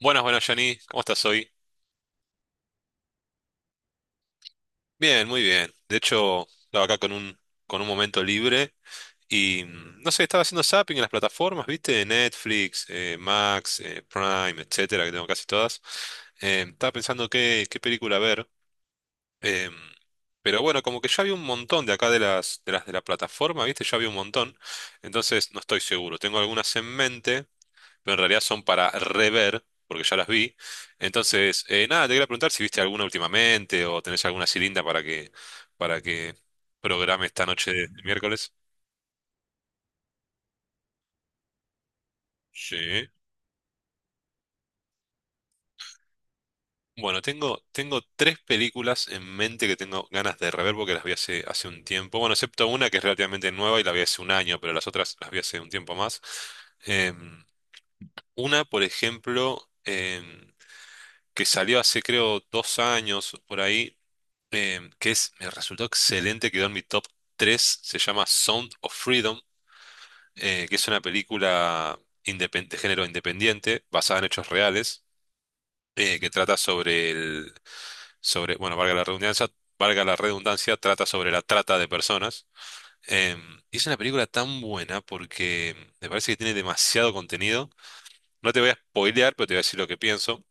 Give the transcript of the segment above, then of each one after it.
Buenas, buenas, Jani. ¿Cómo estás hoy? Bien, muy bien. De hecho, estaba acá con un momento libre y no sé, estaba haciendo zapping en las plataformas, ¿viste? Netflix, Max, Prime, etcétera, que tengo casi todas. Estaba pensando qué película ver. em, pero bueno, como que ya había un montón de acá de la plataforma, ¿viste? Ya había un montón. Entonces, no estoy seguro. Tengo algunas en mente. Pero en realidad son para rever, porque ya las vi. Entonces, nada, te quería preguntar si viste alguna últimamente o tenés alguna cilinda para que, para que programe esta noche de miércoles. Sí. Bueno, tengo tres películas en mente que tengo ganas de rever porque las vi hace un tiempo. Bueno, excepto una que es relativamente nueva y la vi hace un año, pero las otras las vi hace un tiempo más. Em, una, por ejemplo, que salió hace creo 2 años por ahí, que es, me resultó excelente, quedó en mi top tres. Se llama Sound of Freedom, que es una película de género independiente, basada en hechos reales, que trata bueno, valga la redundancia, trata sobre la trata de personas. Y es una película tan buena porque me parece que tiene demasiado contenido. No te voy a spoilear, pero te voy a decir lo que pienso.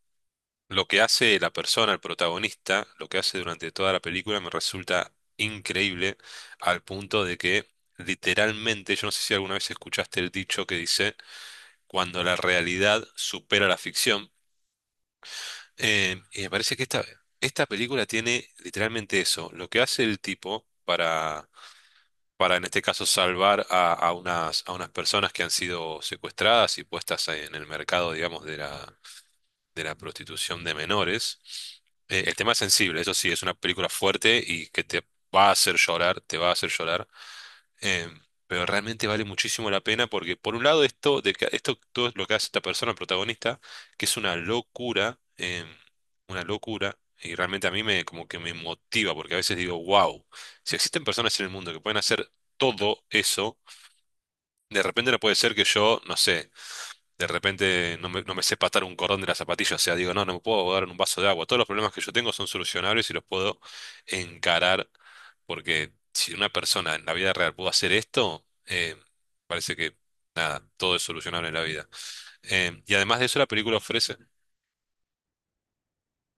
Lo que hace la persona, el protagonista, lo que hace durante toda la película me resulta increíble al punto de que literalmente, yo no sé si alguna vez escuchaste el dicho que dice, cuando la realidad supera la ficción, y me parece que esta película tiene literalmente eso, lo que hace el tipo para en este caso salvar a unas personas que han sido secuestradas y puestas en el mercado, digamos, de la prostitución de menores. El tema es sensible, eso sí, es una película fuerte y que te va a hacer llorar, te va a hacer llorar. eh, pero realmente vale muchísimo la pena porque, por un lado, esto todo lo que hace esta persona protagonista, que es una locura, y realmente a mí me, como que me motiva, porque a veces digo, wow, si existen personas en el mundo que pueden hacer todo eso, de repente no puede ser que yo, no sé, de repente no me sé patar un cordón de la zapatilla, o sea, digo, no, no me puedo ahogar en un vaso de agua. Todos los problemas que yo tengo son solucionables y los puedo encarar, porque si una persona en la vida real pudo hacer esto, parece que nada, todo es solucionable en la vida. Y además de eso, la película ofrece.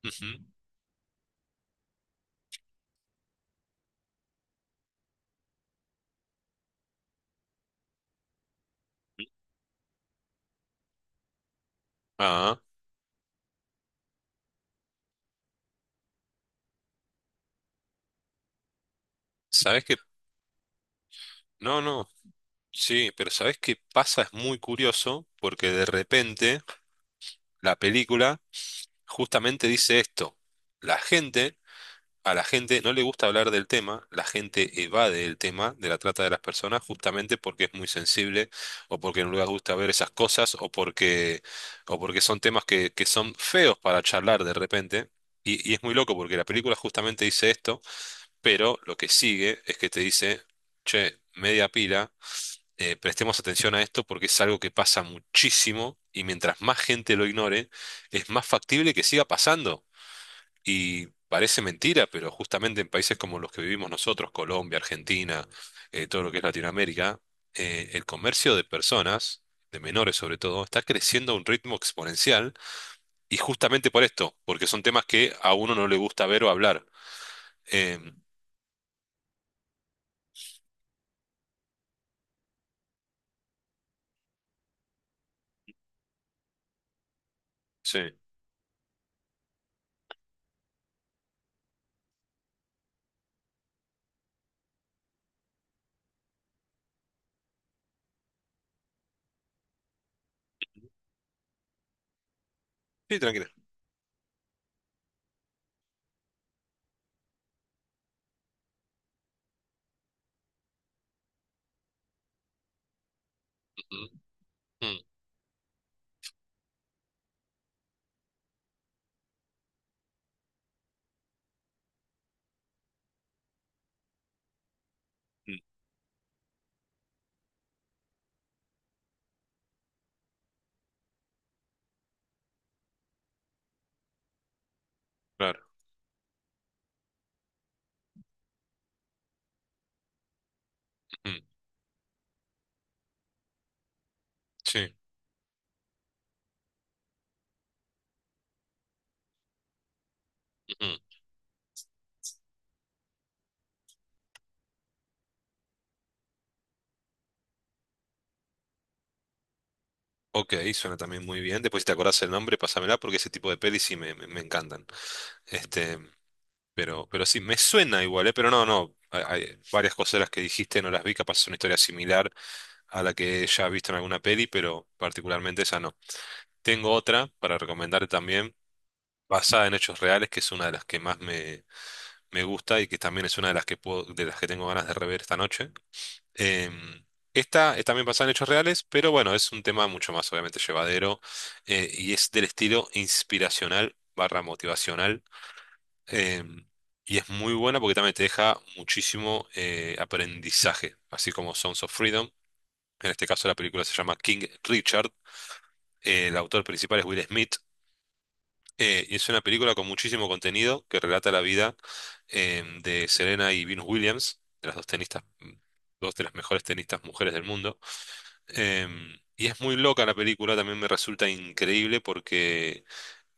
Ujú. Ah, ¿sabes qué? No, no, sí, pero ¿sabes qué pasa? Es muy curioso, porque de repente la película justamente dice esto. La gente A la gente no le gusta hablar del tema, la gente evade el tema de la trata de las personas justamente porque es muy sensible o porque no les gusta ver esas cosas o porque, son temas que son feos para charlar de repente. Y es muy loco porque la película justamente dice esto, pero lo que sigue es que te dice, che, media pila, prestemos atención a esto porque es algo que pasa muchísimo y mientras más gente lo ignore, es más factible que siga pasando. Y parece mentira, pero justamente en países como los que vivimos nosotros, Colombia, Argentina, todo lo que es Latinoamérica, el comercio de personas, de menores sobre todo, está creciendo a un ritmo exponencial y justamente por esto, porque son temas que a uno no le gusta ver o hablar. Em, sí, sí, tranquila. Ujú, ujú, ujú. Claro. Ujú. Sí. Ujú. Ok, suena también muy bien. Después, si te acordás el nombre, pásamela porque ese tipo de pelis sí me encantan. Este. Pero sí, me suena igual, ¿eh? Pero no, no. Hay varias cosas de las que dijiste, no las vi, capaz es una historia similar a la que ya he visto en alguna peli, pero particularmente esa no. Tengo otra para recomendarte también, basada en hechos reales, que es una de las que más me gusta y que también es una de las que de las que tengo ganas de rever esta noche. Em, Esta es también basada en hechos reales, pero bueno, es un tema mucho más obviamente llevadero y es del estilo inspiracional barra motivacional em, y es muy buena porque también te deja muchísimo aprendizaje, así como Sons of Freedom. En este caso la película se llama King Richard. El autor principal es Will Smith. Y es una película con muchísimo contenido que relata la vida de Serena y Venus Williams, de las dos tenistas, dos de las mejores tenistas mujeres del mundo. Y es muy loca la película, también me resulta increíble porque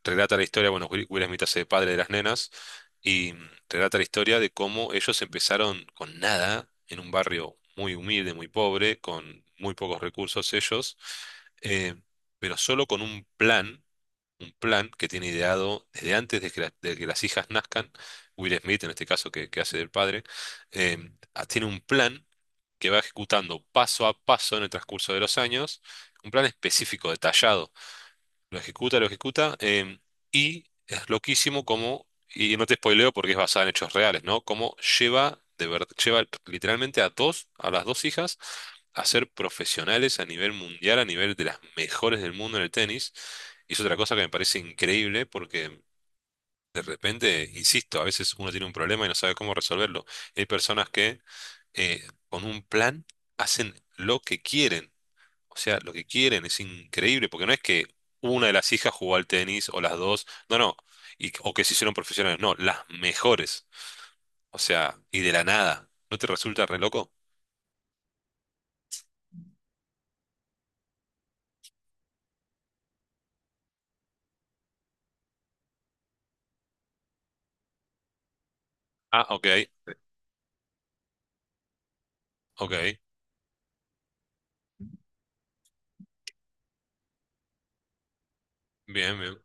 relata la historia, bueno, Will Smith hace de padre de las nenas, y relata la historia de cómo ellos empezaron con nada, en un barrio muy humilde, muy pobre, con muy pocos recursos ellos, eh, pero solo con un plan que tiene ideado desde antes de que las hijas nazcan, Will Smith, en este caso que hace del padre, eh, tiene un plan que va ejecutando paso a paso en el transcurso de los años, un plan específico, detallado lo ejecuta, lo ejecuta. Y es loquísimo como, y no te spoileo porque es basada en hechos reales, ¿no? Cómo lleva, de verdad, lleva literalmente a las dos hijas, a ser profesionales a nivel mundial, a nivel de las mejores del mundo en el tenis. Y es otra cosa que me parece increíble porque de repente, insisto, a veces uno tiene un problema y no sabe cómo resolverlo. Hay personas que con un plan hacen lo que quieren. O sea, lo que quieren es increíble, porque no es que una de las hijas jugó al tenis o las dos, no, no, o que se hicieron profesionales, no, las mejores. O sea, y de la nada. ¿No te resulta re loco? Ah, ok, ok, bien, bien.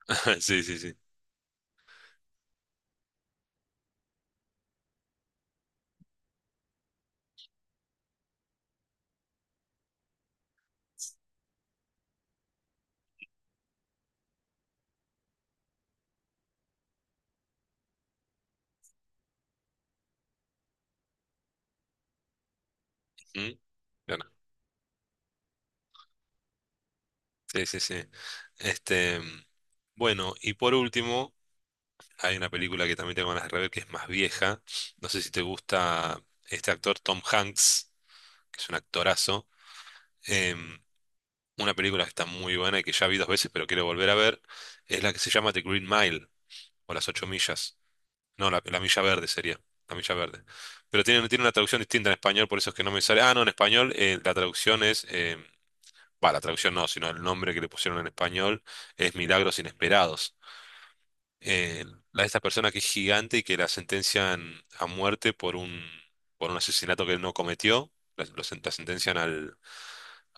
Sí, sí, sí. Mm, bueno. Sí, sí, sí. Este, bueno, y por último, hay una película que también tengo ganas de rever que es más vieja. No sé si te gusta este actor Tom Hanks, que es un actorazo. em, una película que está muy buena y que ya vi 2 veces, pero quiero volver a ver, es la que se llama The Green Mile, o Las Ocho Millas. No, la Milla Verde sería, la Milla Verde. Pero tiene una traducción distinta en español, por eso es que no me sale. Ah, no, en español la traducción es, bah, la traducción no, sino el nombre que le pusieron en español es Milagros Inesperados. Eh, la de esta persona que es gigante y que la sentencian a muerte por un asesinato que él no cometió. La sentencian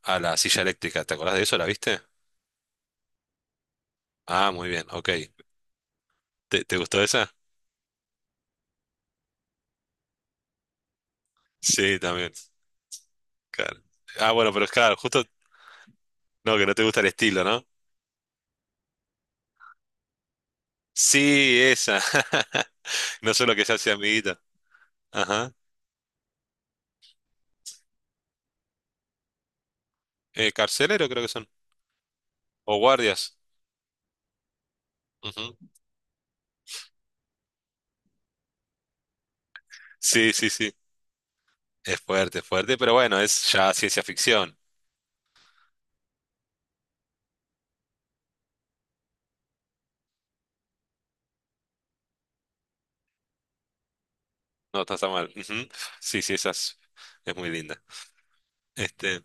a la silla eléctrica. ¿Te acordás de eso? ¿La viste? Ah, muy bien, ok. ¿Te gustó esa? Sí, también. Claro. Ah, bueno, pero es claro, justo no, que no te gusta el estilo, ¿no? Sí, esa. No solo que se hace amiguita. Ajá. Carcelero creo que son. O guardias. Ujú. Sí, sí, sí. Es fuerte, pero bueno, es ya ciencia ficción. No, no está tan mal. Ujú. Sí, sí, esa es muy linda. Este.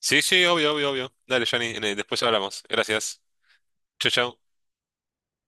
Sí, sí, obvio, obvio, obvio. Dale, Johnny, después hablamos. Gracias. Chau, chau.